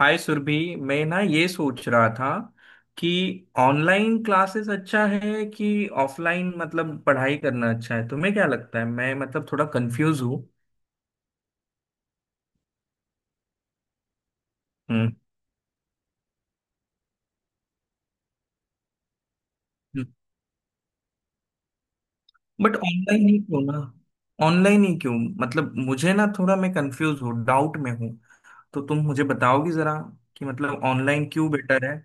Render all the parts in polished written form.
हाय सुरभि। मैं ना ये सोच रहा था कि ऑनलाइन क्लासेस अच्छा है कि ऑफलाइन मतलब पढ़ाई करना अच्छा है? तुम्हें क्या लगता है? मैं मतलब थोड़ा कंफ्यूज हूँ। हम्म। बट ऑनलाइन ही क्यों ना? ऑनलाइन ही क्यों? मतलब मुझे ना थोड़ा मैं कंफ्यूज हूँ, डाउट में हूँ। तो तुम मुझे बताओगी जरा कि मतलब ऑनलाइन क्यों बेटर है?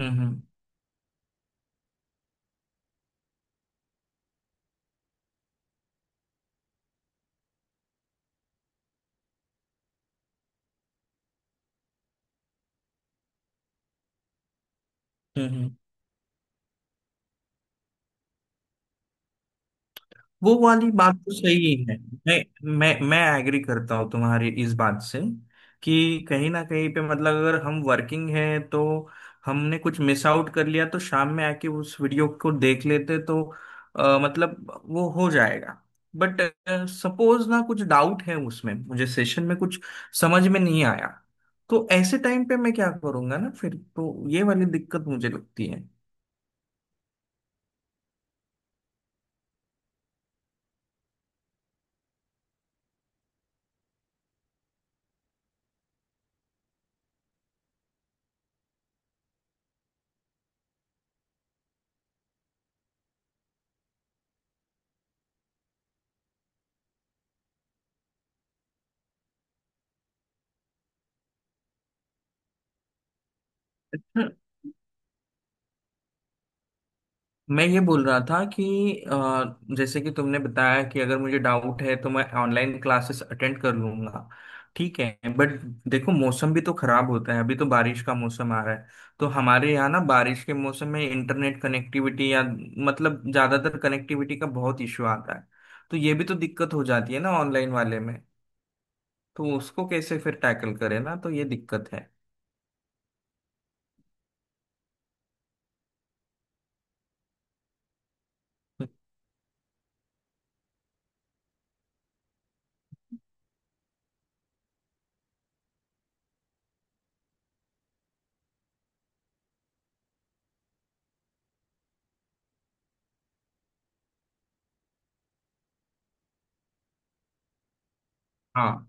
हम्म। हम्म। वो वाली बात तो सही है। मैं मैं एग्री करता हूँ तुम्हारी इस बात से कि कहीं ना कहीं पे मतलब अगर हम वर्किंग है तो हमने कुछ मिस आउट कर लिया तो शाम में आके उस वीडियो को देख लेते तो मतलब वो हो जाएगा। बट सपोज ना कुछ डाउट है, उसमें मुझे सेशन में कुछ समझ में नहीं आया, तो ऐसे टाइम पे मैं क्या करूंगा ना? फिर तो ये वाली दिक्कत मुझे लगती है। मैं ये बोल रहा था कि जैसे कि तुमने बताया कि अगर मुझे डाउट है तो मैं ऑनलाइन क्लासेस अटेंड कर लूंगा, ठीक है। बट देखो मौसम भी तो खराब होता है, अभी तो बारिश का मौसम आ रहा है। तो हमारे यहाँ ना बारिश के मौसम में इंटरनेट कनेक्टिविटी या मतलब ज़्यादातर कनेक्टिविटी का बहुत इशू आता है। तो ये भी तो दिक्कत हो जाती है ना ऑनलाइन वाले में? तो उसको कैसे फिर टैकल करें ना, तो ये दिक्कत है। हाँ,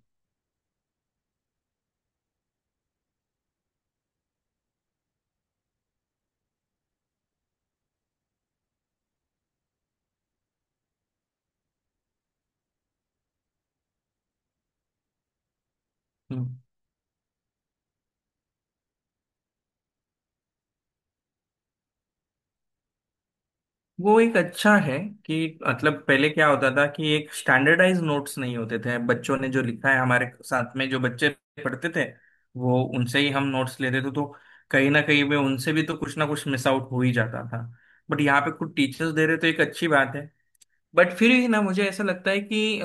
वो एक अच्छा है कि मतलब पहले क्या होता था कि एक स्टैंडर्डाइज नोट्स नहीं होते थे, बच्चों ने जो लिखा है हमारे साथ में जो बच्चे पढ़ते थे वो उनसे ही हम नोट्स लेते थे, तो कहीं ना कहीं में उनसे भी तो कुछ ना कुछ मिस आउट हो ही जाता था। बट यहाँ पे खुद टीचर्स दे रहे तो एक अच्छी बात है। बट फिर भी ना मुझे ऐसा लगता है कि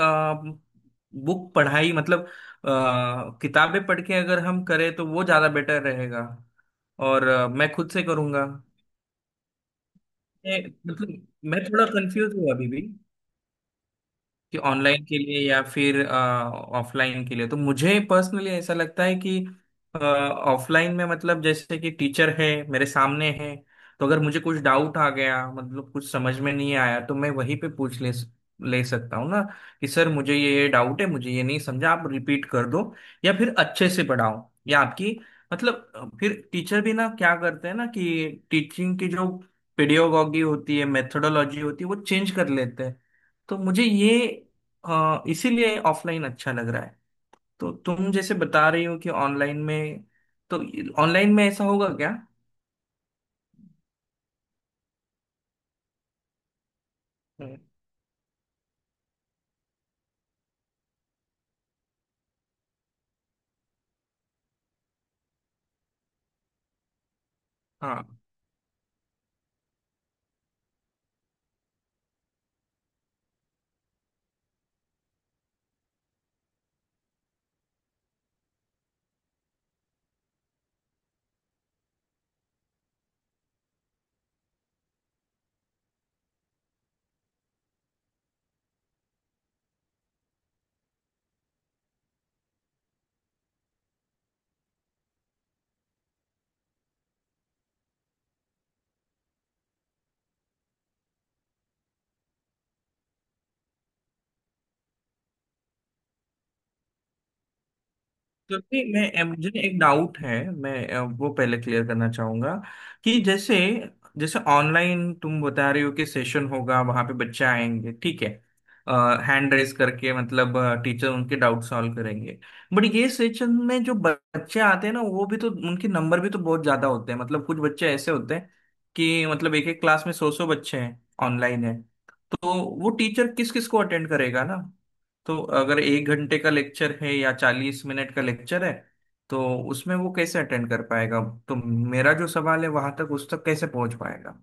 बुक पढ़ाई मतलब किताबें पढ़ के अगर हम करें तो वो ज़्यादा बेटर रहेगा। और मैं खुद से करूँगा। मतलब मैं थोड़ा कंफ्यूज हूँ अभी भी कि ऑनलाइन के लिए या फिर ऑफलाइन के लिए। तो मुझे पर्सनली ऐसा लगता है कि ऑफलाइन में मतलब जैसे कि टीचर है, मेरे सामने है, तो अगर मुझे कुछ डाउट आ गया मतलब कुछ समझ में नहीं आया तो मैं वहीं पे पूछ ले ले सकता हूँ ना? कि सर मुझे ये डाउट है, मुझे ये नहीं समझा, आप रिपीट कर दो या फिर अच्छे से पढ़ाओ। या आपकी मतलब फिर टीचर भी ना क्या करते हैं ना कि टीचिंग की जो पेडियोलॉजी होती है, मेथोडोलॉजी होती है वो चेंज कर लेते हैं। तो मुझे ये इसीलिए ऑफलाइन अच्छा लग रहा है। तो तुम जैसे बता रही हो कि ऑनलाइन में, तो ऑनलाइन में ऐसा होगा क्या? हम्म। हाँ। क्योंकि मैं मुझे एक डाउट है, मैं वो पहले क्लियर करना चाहूंगा कि जैसे जैसे ऑनलाइन तुम बता रहे हो कि सेशन होगा वहां पे बच्चे आएंगे, ठीक है, हैंड रेस करके मतलब टीचर उनके डाउट सॉल्व करेंगे। बट ये सेशन में जो बच्चे आते हैं ना वो भी तो उनके नंबर भी तो बहुत ज्यादा होते हैं, मतलब कुछ बच्चे ऐसे होते हैं कि मतलब एक एक क्लास में सौ सौ बच्चे हैं, ऑनलाइन है। तो वो टीचर किस किस को अटेंड करेगा ना? तो अगर एक घंटे का लेक्चर है या 40 मिनट का लेक्चर है तो उसमें वो कैसे अटेंड कर पाएगा? तो मेरा जो सवाल है वहां तक, उस तक कैसे पहुंच पाएगा?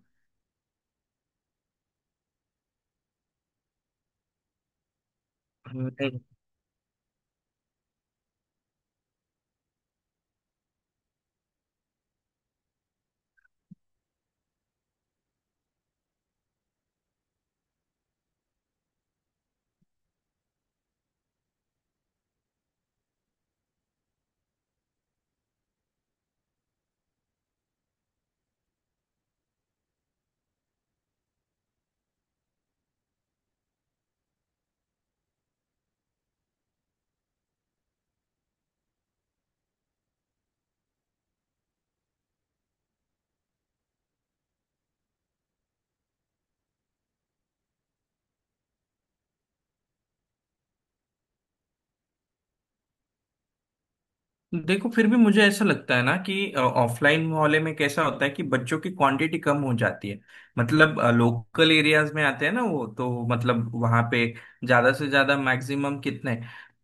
देखो फिर भी मुझे ऐसा लगता है ना कि ऑफलाइन मोहल्ले में कैसा होता है कि बच्चों की क्वांटिटी कम हो जाती है। मतलब लोकल एरियाज में आते हैं ना वो तो, मतलब वहां पे ज्यादा से ज्यादा मैक्सिमम कितने,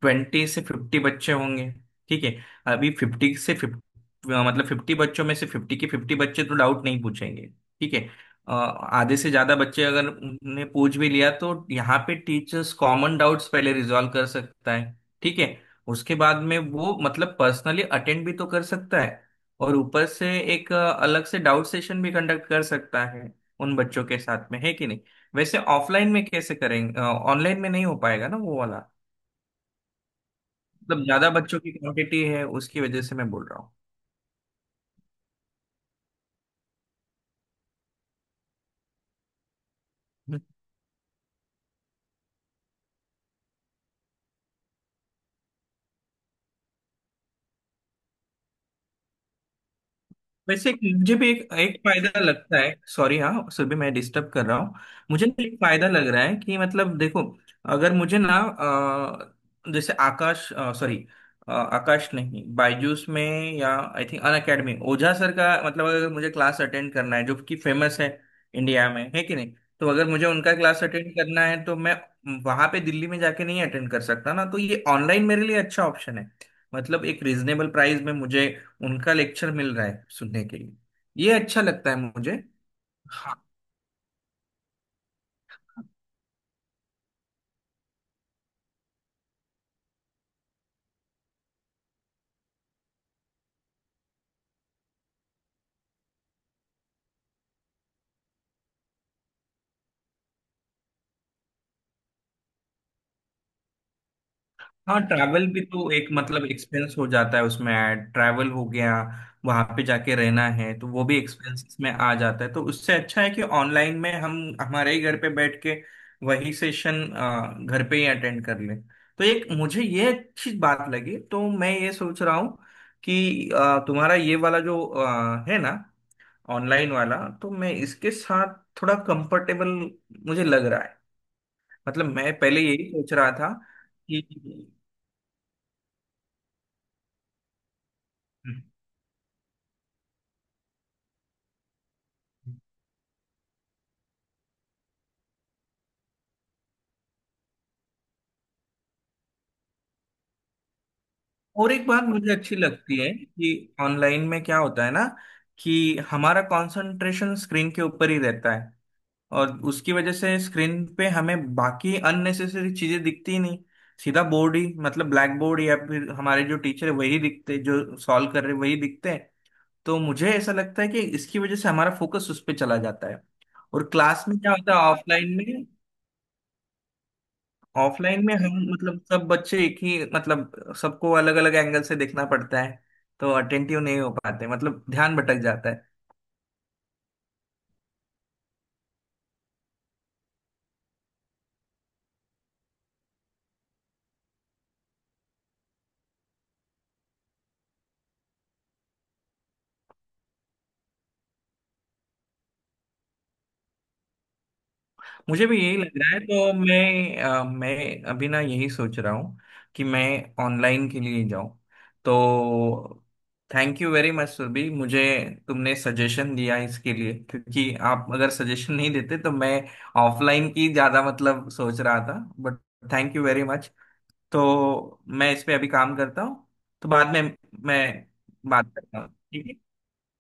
20 से 50 बच्चे होंगे, ठीक है। अभी 50 से 50 मतलब 50 बच्चों में से 50 के 50 बच्चे तो डाउट नहीं पूछेंगे, ठीक है। आधे से ज्यादा बच्चे अगर उन्हें पूछ भी लिया तो यहाँ पे टीचर्स कॉमन डाउट्स पहले रिजॉल्व कर सकता है, ठीक है। उसके बाद में वो मतलब पर्सनली अटेंड भी तो कर सकता है। और ऊपर से एक अलग से डाउट सेशन भी कंडक्ट कर सकता है उन बच्चों के साथ में, है कि नहीं? वैसे ऑफलाइन में कैसे करेंगे, ऑनलाइन में नहीं हो पाएगा ना वो वाला? मतलब ज्यादा बच्चों की क्वांटिटी है, उसकी वजह से मैं बोल रहा हूँ। वैसे एक मुझे भी एक एक फायदा लगता है। सॉरी, हाँ, सुबह मैं डिस्टर्ब कर रहा हूँ। मुझे ना एक फायदा लग रहा है कि मतलब देखो, अगर मुझे ना जैसे आकाश, सॉरी आकाश नहीं, बायजूस में, या I think Unacademy, Ojha sir का, मतलब अगर मुझे क्लास अटेंड करना है, जो कि फेमस है इंडिया में, है कि नहीं? तो अगर मुझे उनका क्लास अटेंड करना है तो मैं वहां पे दिल्ली में जाके नहीं अटेंड कर सकता ना, तो ये ऑनलाइन मेरे लिए अच्छा ऑप्शन है। मतलब एक रीजनेबल प्राइस में मुझे उनका लेक्चर मिल रहा है सुनने के लिए, ये अच्छा लगता है मुझे। हाँ। हाँ, ट्रैवल भी तो एक मतलब एक्सपेंस हो जाता है, उसमें ऐड ट्रैवल हो गया, वहां पे जाके रहना है तो वो भी एक्सपेंसेस में आ जाता है। तो उससे अच्छा है कि ऑनलाइन में हम हमारे ही घर पे बैठ के वही सेशन घर पे ही अटेंड कर लें। तो एक मुझे ये अच्छी बात लगी, तो मैं ये सोच रहा हूँ कि तुम्हारा ये वाला जो है ना, ऑनलाइन वाला, तो मैं इसके साथ थोड़ा कंफर्टेबल मुझे लग रहा है। मतलब मैं पहले यही सोच रहा था कि। और एक बात मुझे अच्छी लगती है कि ऑनलाइन में क्या होता है ना कि हमारा कंसंट्रेशन स्क्रीन के ऊपर ही रहता है। और उसकी वजह से स्क्रीन पे हमें बाकी अननेसेसरी चीजें दिखती ही नहीं, सीधा बोर्ड ही मतलब ब्लैक बोर्ड या फिर हमारे जो टीचर है वही दिखते, जो सॉल्व कर रहे वही दिखते। तो मुझे ऐसा लगता है कि इसकी वजह से हमारा फोकस उस पर चला जाता है। और क्लास में क्या होता है ऑफलाइन में? ऑफलाइन में हम मतलब सब बच्चे एक ही मतलब सबको अलग अलग एंगल से देखना पड़ता है, तो अटेंटिव नहीं हो पाते, मतलब ध्यान भटक जाता है। मुझे भी यही लग रहा है, तो मैं मैं अभी ना यही सोच रहा हूँ कि मैं ऑनलाइन के लिए जाऊँ। तो thank you very much Surabhi. मुझे तुमने सजेशन दिया इसके लिए, क्योंकि आप अगर सजेशन नहीं देते तो मैं ऑफलाइन की ज़्यादा मतलब सोच रहा था। But thank you very much. तो मैं इस पे अभी काम करता हूँ, तो बाद में मैं बात करता हूँ, ठीक है।